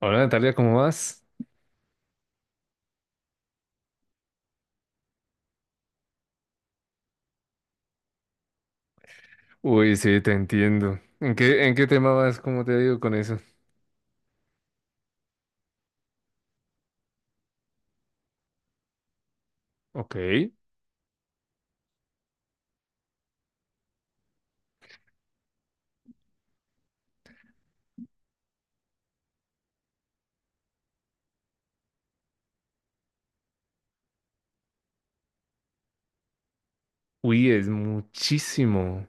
Hola Natalia, ¿cómo vas? Uy, sí, te entiendo. ¿En qué tema vas? ¿Cómo te digo con eso? Ok. Uy, es muchísimo.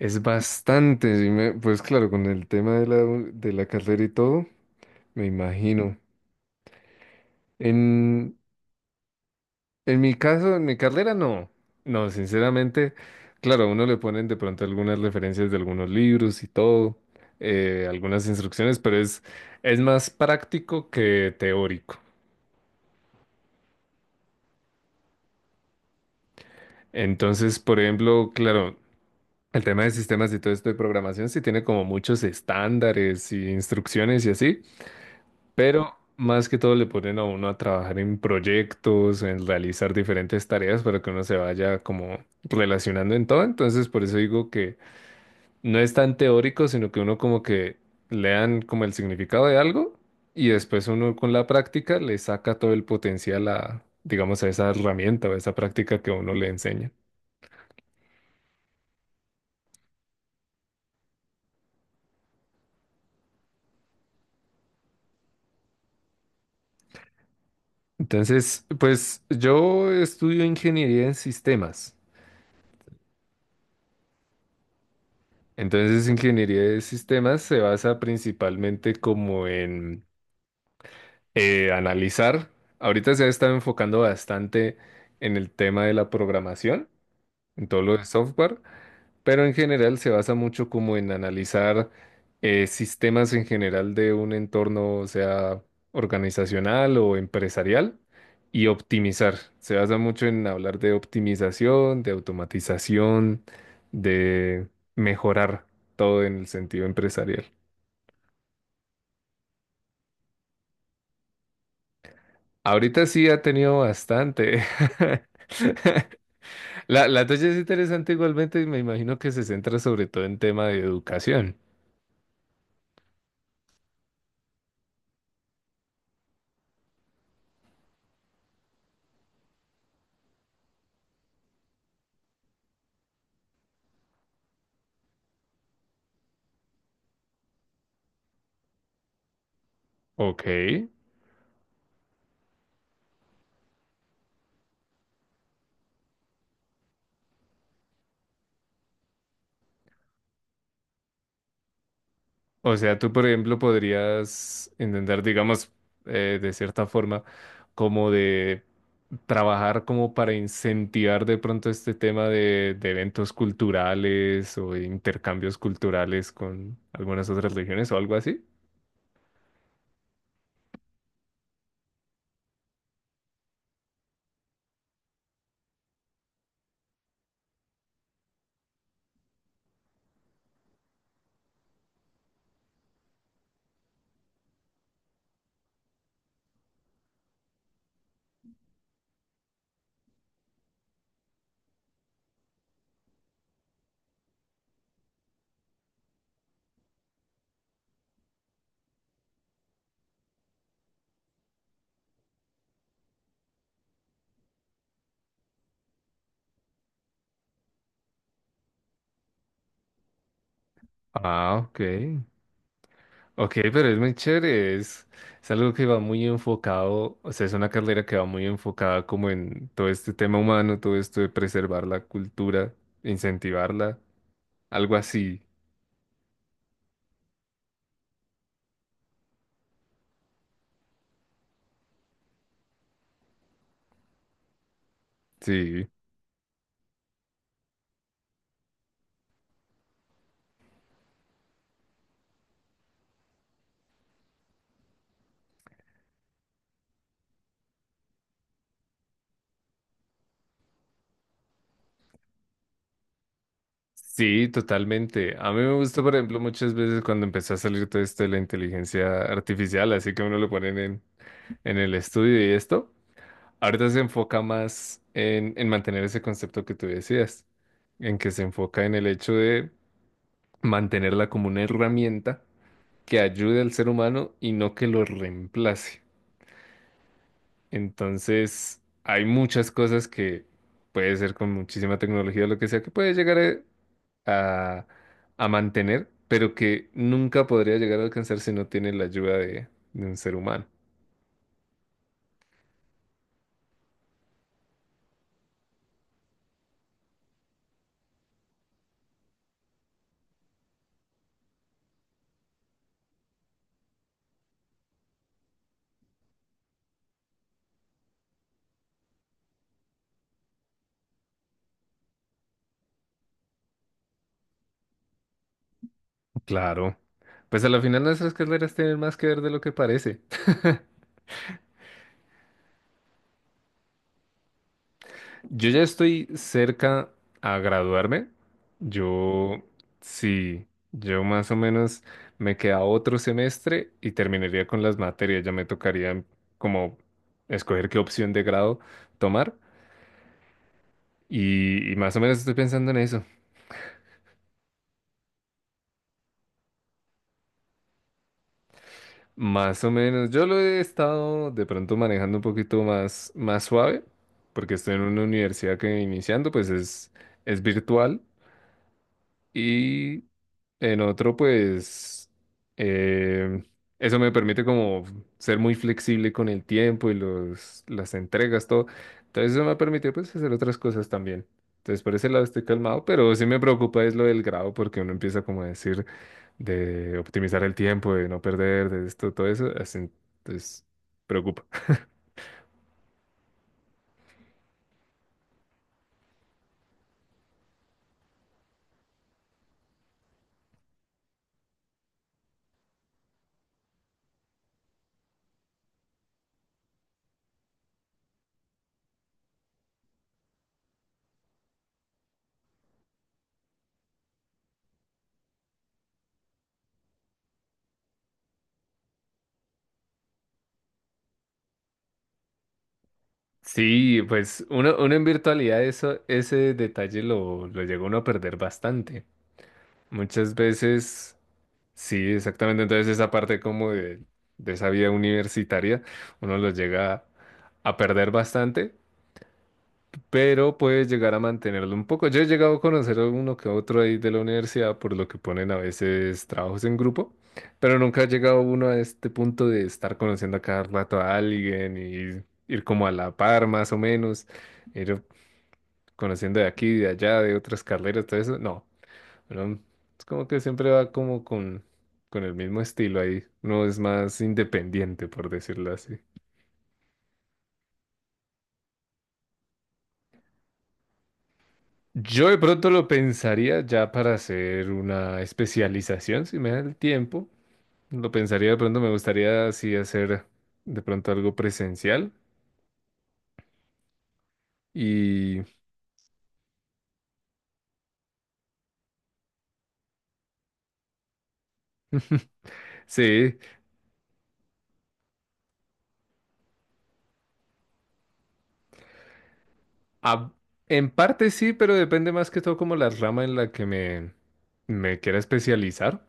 Es bastante. Sí pues claro, con el tema de la carrera y todo, me imagino. En, en mi caso, en mi carrera, no. No, sinceramente, claro, a uno le ponen de pronto algunas referencias de algunos libros y todo, algunas instrucciones, es más práctico que teórico. Entonces, por ejemplo, claro. El tema de sistemas y todo esto de programación sí tiene como muchos estándares y instrucciones y así, pero más que todo le ponen a uno a trabajar en proyectos, en realizar diferentes tareas para que uno se vaya como relacionando en todo. Entonces, por eso digo que no es tan teórico, sino que uno como que lean como el significado de algo y después uno con la práctica le saca todo el potencial a, digamos, a esa herramienta o a esa práctica que uno le enseña. Entonces, pues yo estudio ingeniería en sistemas. Entonces, ingeniería de sistemas se basa principalmente como en analizar. Ahorita se ha estado enfocando bastante en el tema de la programación, en todo lo de software. Pero en general se basa mucho como en analizar sistemas en general de un entorno, sea organizacional o empresarial, y optimizar. Se basa mucho en hablar de optimización, de automatización, de mejorar todo en el sentido empresarial. Ahorita sí ha tenido bastante. La tuya es interesante igualmente y me imagino que se centra sobre todo en tema de educación. Ok. O sea, tú, por ejemplo, podrías intentar, digamos, de cierta forma, como de trabajar como para incentivar de pronto este tema de eventos culturales o de intercambios culturales con algunas otras regiones o algo así. Ah, ok. Ok, pero es muy chévere. Es algo que va muy enfocado, o sea, es una carrera que va muy enfocada como en todo este tema humano, todo esto de preservar la cultura, incentivarla, algo así. Sí. Sí, totalmente. A mí me gusta, por ejemplo, muchas veces cuando empezó a salir todo esto de la inteligencia artificial, así que uno lo ponen en el estudio y esto, ahorita se enfoca más en mantener ese concepto que tú decías, en que se enfoca en el hecho de mantenerla como una herramienta que ayude al ser humano y no que lo reemplace. Entonces, hay muchas cosas que puede ser con muchísima tecnología, lo que sea, que puede llegar a, a mantener, pero que nunca podría llegar a alcanzar si no tiene la ayuda de un ser humano. Claro. Pues a la final nuestras carreras tienen más que ver de lo que parece. Yo ya estoy cerca a graduarme. Yo, sí, yo más o menos me queda otro semestre y terminaría con las materias. Ya me tocaría como escoger qué opción de grado tomar. Y más o menos estoy pensando en eso. Más o menos. Yo lo he estado de pronto manejando un poquito más, más suave, porque estoy en una universidad que iniciando, pues es virtual. Y en otro, pues, eh, eso me permite como ser muy flexible con el tiempo y las entregas, todo. Entonces eso me ha permitido pues hacer otras cosas también. Entonces por ese lado estoy calmado, pero sí me preocupa es lo del grado porque uno empieza como a decir de optimizar el tiempo, de no perder, de esto, todo eso. Así, entonces preocupa. Sí, pues uno en virtualidad eso, ese detalle lo llega uno a perder bastante. Muchas veces sí, exactamente. Entonces esa parte como de esa vida universitaria, uno lo llega a perder bastante, pero puede llegar a mantenerlo un poco. Yo he llegado a conocer a uno que otro ahí de la universidad, por lo que ponen a veces trabajos en grupo, pero nunca ha llegado uno a este punto de estar conociendo a cada rato a alguien y ir como a la par más o menos, ir conociendo de aquí, de allá, de otras carreras, todo eso. No. Pero es como que siempre va como con el mismo estilo ahí. No es más independiente, por decirlo así. Yo de pronto lo pensaría ya para hacer una especialización, si me da el tiempo. Lo pensaría de pronto, me gustaría así hacer de pronto algo presencial. Y sí, a- en parte sí, pero depende más que todo como la rama en la que me quiera especializar.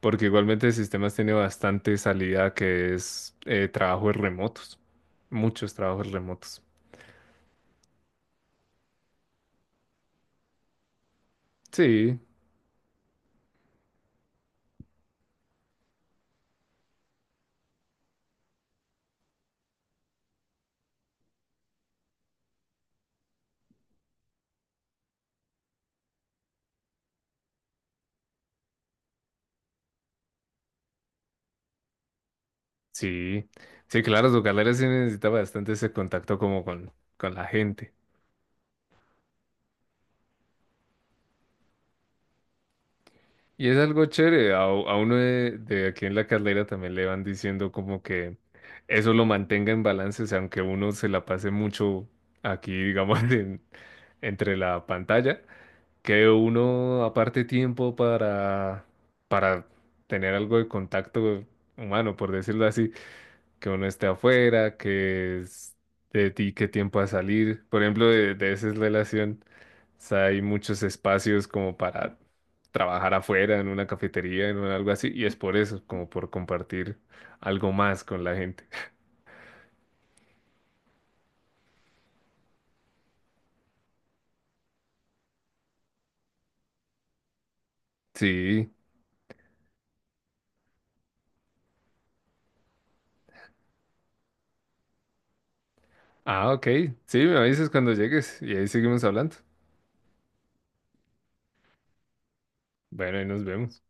Porque igualmente el sistema tiene bastante salida que es trabajos remotos, muchos trabajos remotos. Sí, sí, sí, claro, tu carrera sí necesita bastante ese contacto como con la gente. Y es algo chévere, a uno de aquí en la carrera también le van diciendo como que eso lo mantenga en balance, o sea, aunque uno se la pase mucho aquí, digamos, entre la pantalla. Que uno aparte tiempo para tener algo de contacto humano, por decirlo así, que uno esté afuera, que es de ti qué tiempo a salir. Por ejemplo, de esa relación, o sea, hay muchos espacios como para trabajar afuera, en una cafetería, en un algo así, y es por eso, como por compartir algo más con la gente. Sí. Ah, ok. Sí, me avisas cuando llegues y ahí seguimos hablando. Bueno, ahí nos vemos.